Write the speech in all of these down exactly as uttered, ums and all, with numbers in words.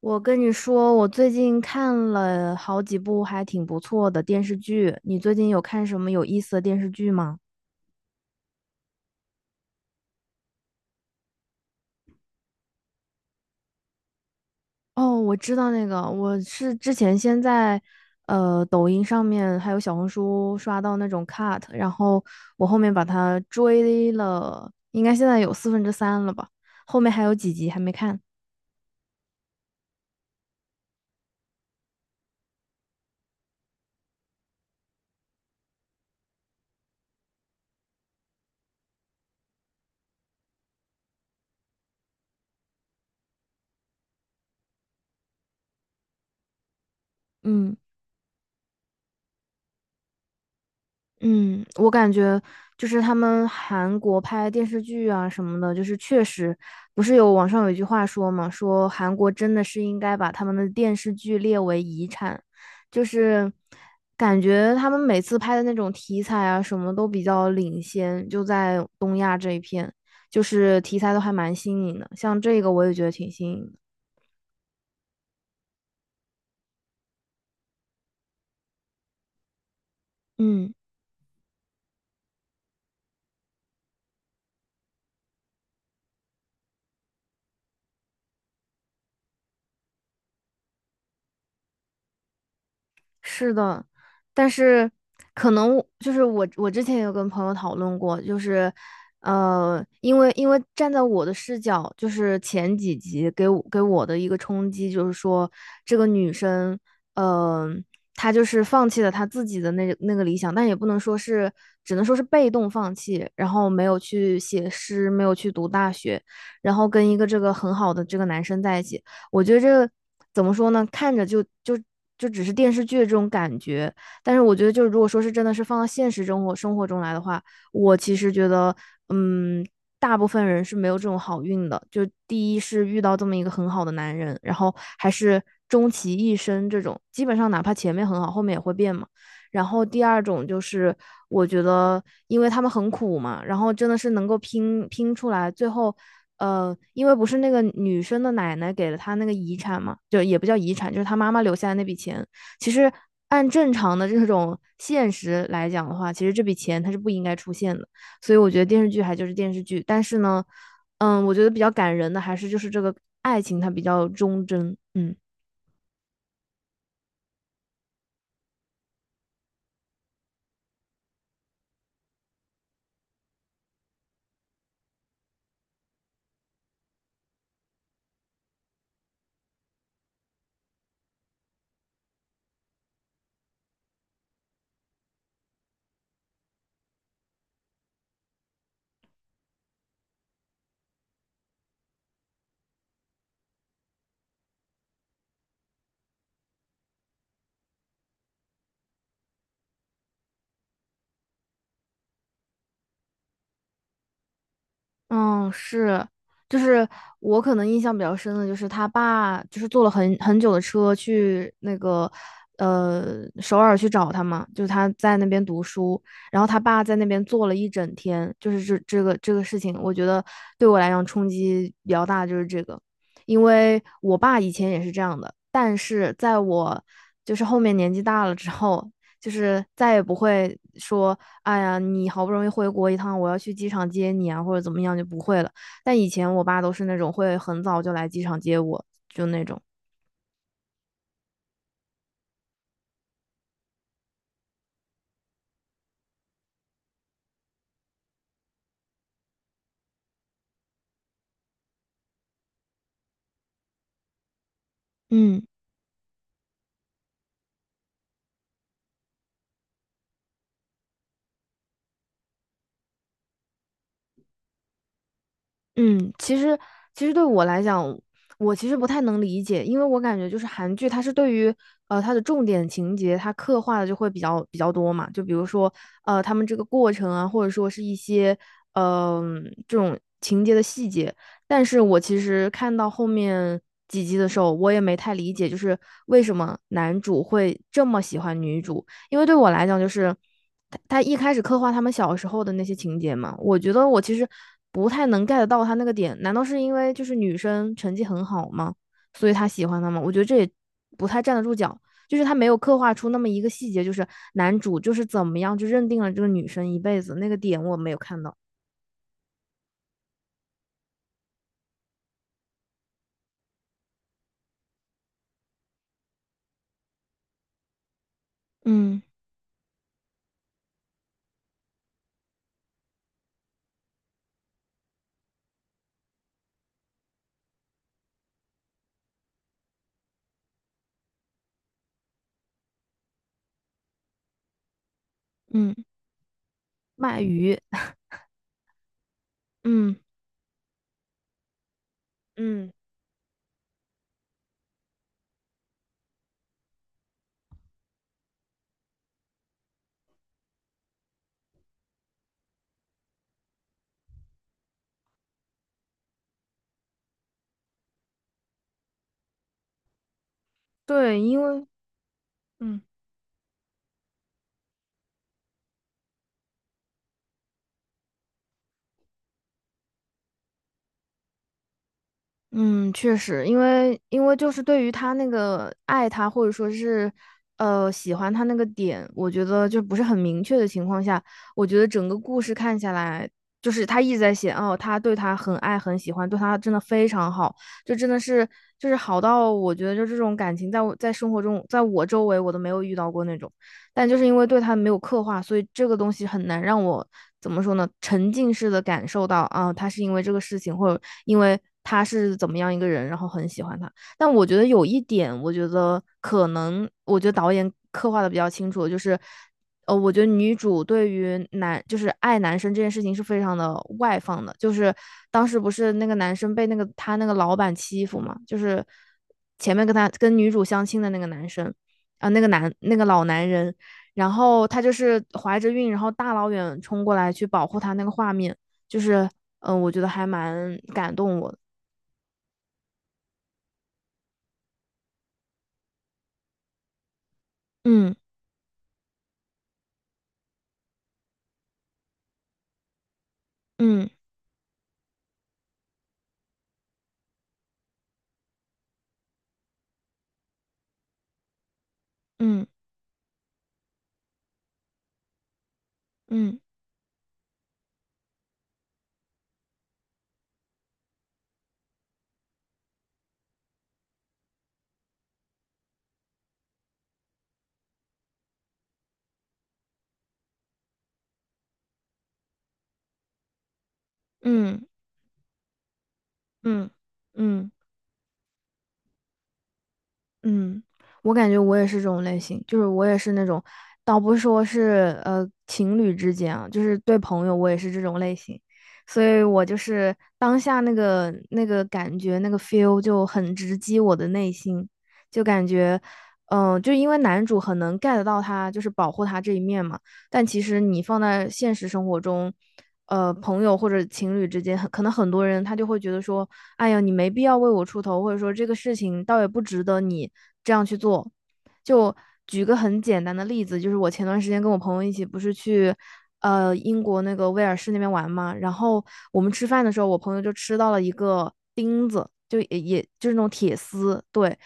我跟你说，我最近看了好几部还挺不错的电视剧。你最近有看什么有意思的电视剧吗？哦，我知道那个，我是之前先在呃抖音上面还有小红书刷到那种 cut，然后我后面把它追了，应该现在有四分之三了吧，后面还有几集还没看。嗯。嗯，我感觉就是他们韩国拍电视剧啊什么的，就是确实不是有网上有一句话说嘛，说韩国真的是应该把他们的电视剧列为遗产，就是感觉他们每次拍的那种题材啊什么都比较领先，就在东亚这一片，就是题材都还蛮新颖的，像这个我也觉得挺新颖的。嗯。是的，但是可能就是我，我之前有跟朋友讨论过，就是，呃，因为因为站在我的视角，就是前几集给我给我的一个冲击，就是说这个女生，呃，她就是放弃了她自己的那那个理想，但也不能说是，只能说是被动放弃，然后没有去写诗，没有去读大学，然后跟一个这个很好的这个男生在一起。我觉得这个怎么说呢？看着就就就只是电视剧的这种感觉，但是我觉得就是如果说是真的是放到现实生活生活中来的话，我其实觉得，嗯，大部分人是没有这种好运的。就第一是遇到这么一个很好的男人，然后还是终其一生这种，基本上哪怕前面很好，后面也会变嘛。然后第二种就是我觉得，因为他们很苦嘛，然后真的是能够拼拼出来，最后。呃，因为不是那个女生的奶奶给了他那个遗产嘛，就也不叫遗产，就是他妈妈留下的那笔钱。其实按正常的这种现实来讲的话，其实这笔钱它是不应该出现的。所以我觉得电视剧还就是电视剧，但是呢，嗯，我觉得比较感人的还是就是这个爱情它比较忠贞，嗯。嗯，是，就是我可能印象比较深的就是他爸就是坐了很很久的车去那个呃首尔去找他嘛，就是他在那边读书，然后他爸在那边坐了一整天，就是这这个这个事情，我觉得对我来讲冲击比较大，就是这个，因为我爸以前也是这样的，但是在我就是后面年纪大了之后，就是再也不会说。哎呀，你好不容易回国一趟，我要去机场接你啊，或者怎么样就不会了。但以前我爸都是那种会很早就来机场接我，就那种。嗯。嗯，其实其实对我来讲，我其实不太能理解，因为我感觉就是韩剧，它是对于呃它的重点情节，它刻画的就会比较比较多嘛，就比如说呃他们这个过程啊，或者说是一些嗯、这种情节的细节。但是我其实看到后面几集的时候，我也没太理解，就是为什么男主会这么喜欢女主。因为对我来讲，就是他他一开始刻画他们小时候的那些情节嘛，我觉得我其实不太能 get 到他那个点。难道是因为就是女生成绩很好吗？所以他喜欢她吗？我觉得这也不太站得住脚。就是他没有刻画出那么一个细节，就是男主就是怎么样就认定了这个女生一辈子那个点，我没有看到。嗯嗯，卖鱼，嗯嗯，对，因为嗯。嗯，确实，因为因为就是对于他那个爱他或者说是，呃，喜欢他那个点，我觉得就不是很明确的情况下，我觉得整个故事看下来，就是他一直在写哦，他对他很爱很喜欢，对他真的非常好，就真的是就是好到我觉得就这种感情在我在生活中在我周围我都没有遇到过那种。但就是因为对他没有刻画，所以这个东西很难让我怎么说呢，沉浸式的感受到啊，他是因为这个事情，或者因为他是怎么样一个人，然后很喜欢他。但我觉得有一点，我觉得可能，我觉得导演刻画的比较清楚，就是。呃，我觉得女主对于男就是爱男生这件事情是非常的外放的，就是当时不是那个男生被那个他那个老板欺负嘛，就是前面跟他跟女主相亲的那个男生啊、呃那个男那个老男人，然后他就是怀着孕，然后大老远冲过来去保护他那个画面，就是嗯、呃我觉得还蛮感动我的。嗯嗯嗯嗯嗯嗯嗯。嗯嗯嗯嗯，我感觉我也是这种类型，就是我也是那种，倒不是说是呃情侣之间啊，就是对朋友我也是这种类型，所以我就是当下那个那个感觉那个 feel 就很直击我的内心，就感觉，嗯、就因为男主很能 get 到他就是保护他这一面嘛。但其实你放在现实生活中，呃，朋友或者情侣之间，很可能很多人他就会觉得说，哎呀，你没必要为我出头，或者说这个事情倒也不值得你这样去做。就举个很简单的例子，就是我前段时间跟我朋友一起不是去。呃，英国那个威尔士那边玩嘛，然后我们吃饭的时候，我朋友就吃到了一个钉子，就也也就是那种铁丝，对，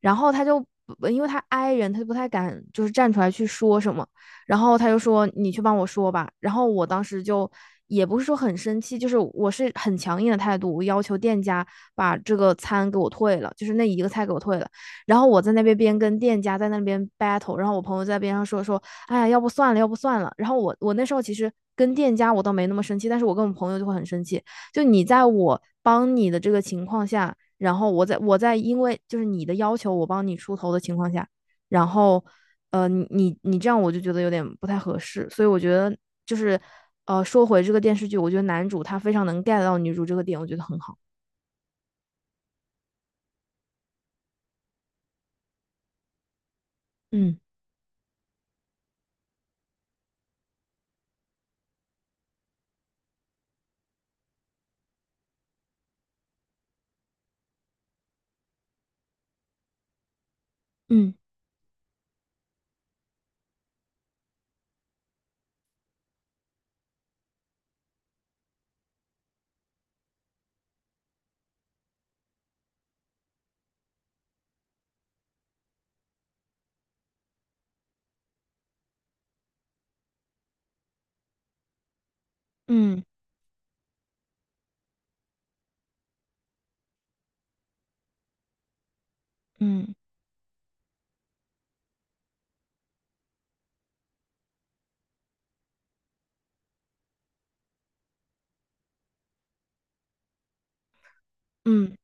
然后他就因为他 i 人，他就不太敢就是站出来去说什么，然后他就说你去帮我说吧。然后我当时就也不是说很生气，就是我是很强硬的态度，我要求店家把这个餐给我退了，就是那一个菜给我退了。然后我在那边边跟店家在那边 battle，然后我朋友在边上说说，哎呀，要不算了，要不算了。然后我我那时候其实跟店家我倒没那么生气，但是我跟我朋友就会很生气。就你在我帮你的这个情况下，然后我在我在因为就是你的要求我帮你出头的情况下，然后呃，你你你这样我就觉得有点不太合适，所以我觉得就是呃，说回这个电视剧，我觉得男主他非常能 get 到女主这个点，我觉得很好。嗯嗯嗯嗯嗯。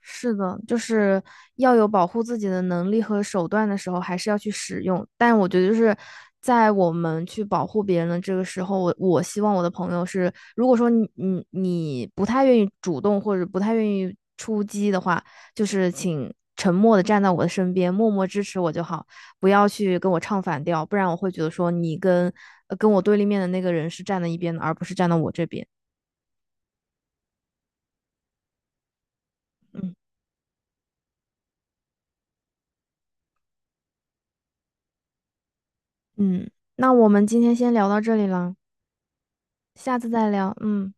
是的，就是要有保护自己的能力和手段的时候，还是要去使用。但我觉得就是在我们去保护别人的这个时候，我我希望我的朋友是，如果说你你你不太愿意主动或者不太愿意出击的话，就是请沉默的站在我的身边，默默支持我就好，不要去跟我唱反调，不然我会觉得说你跟呃跟我对立面的那个人是站在一边的，而不是站到我这边。嗯嗯，那我们今天先聊到这里了。下次再聊，嗯。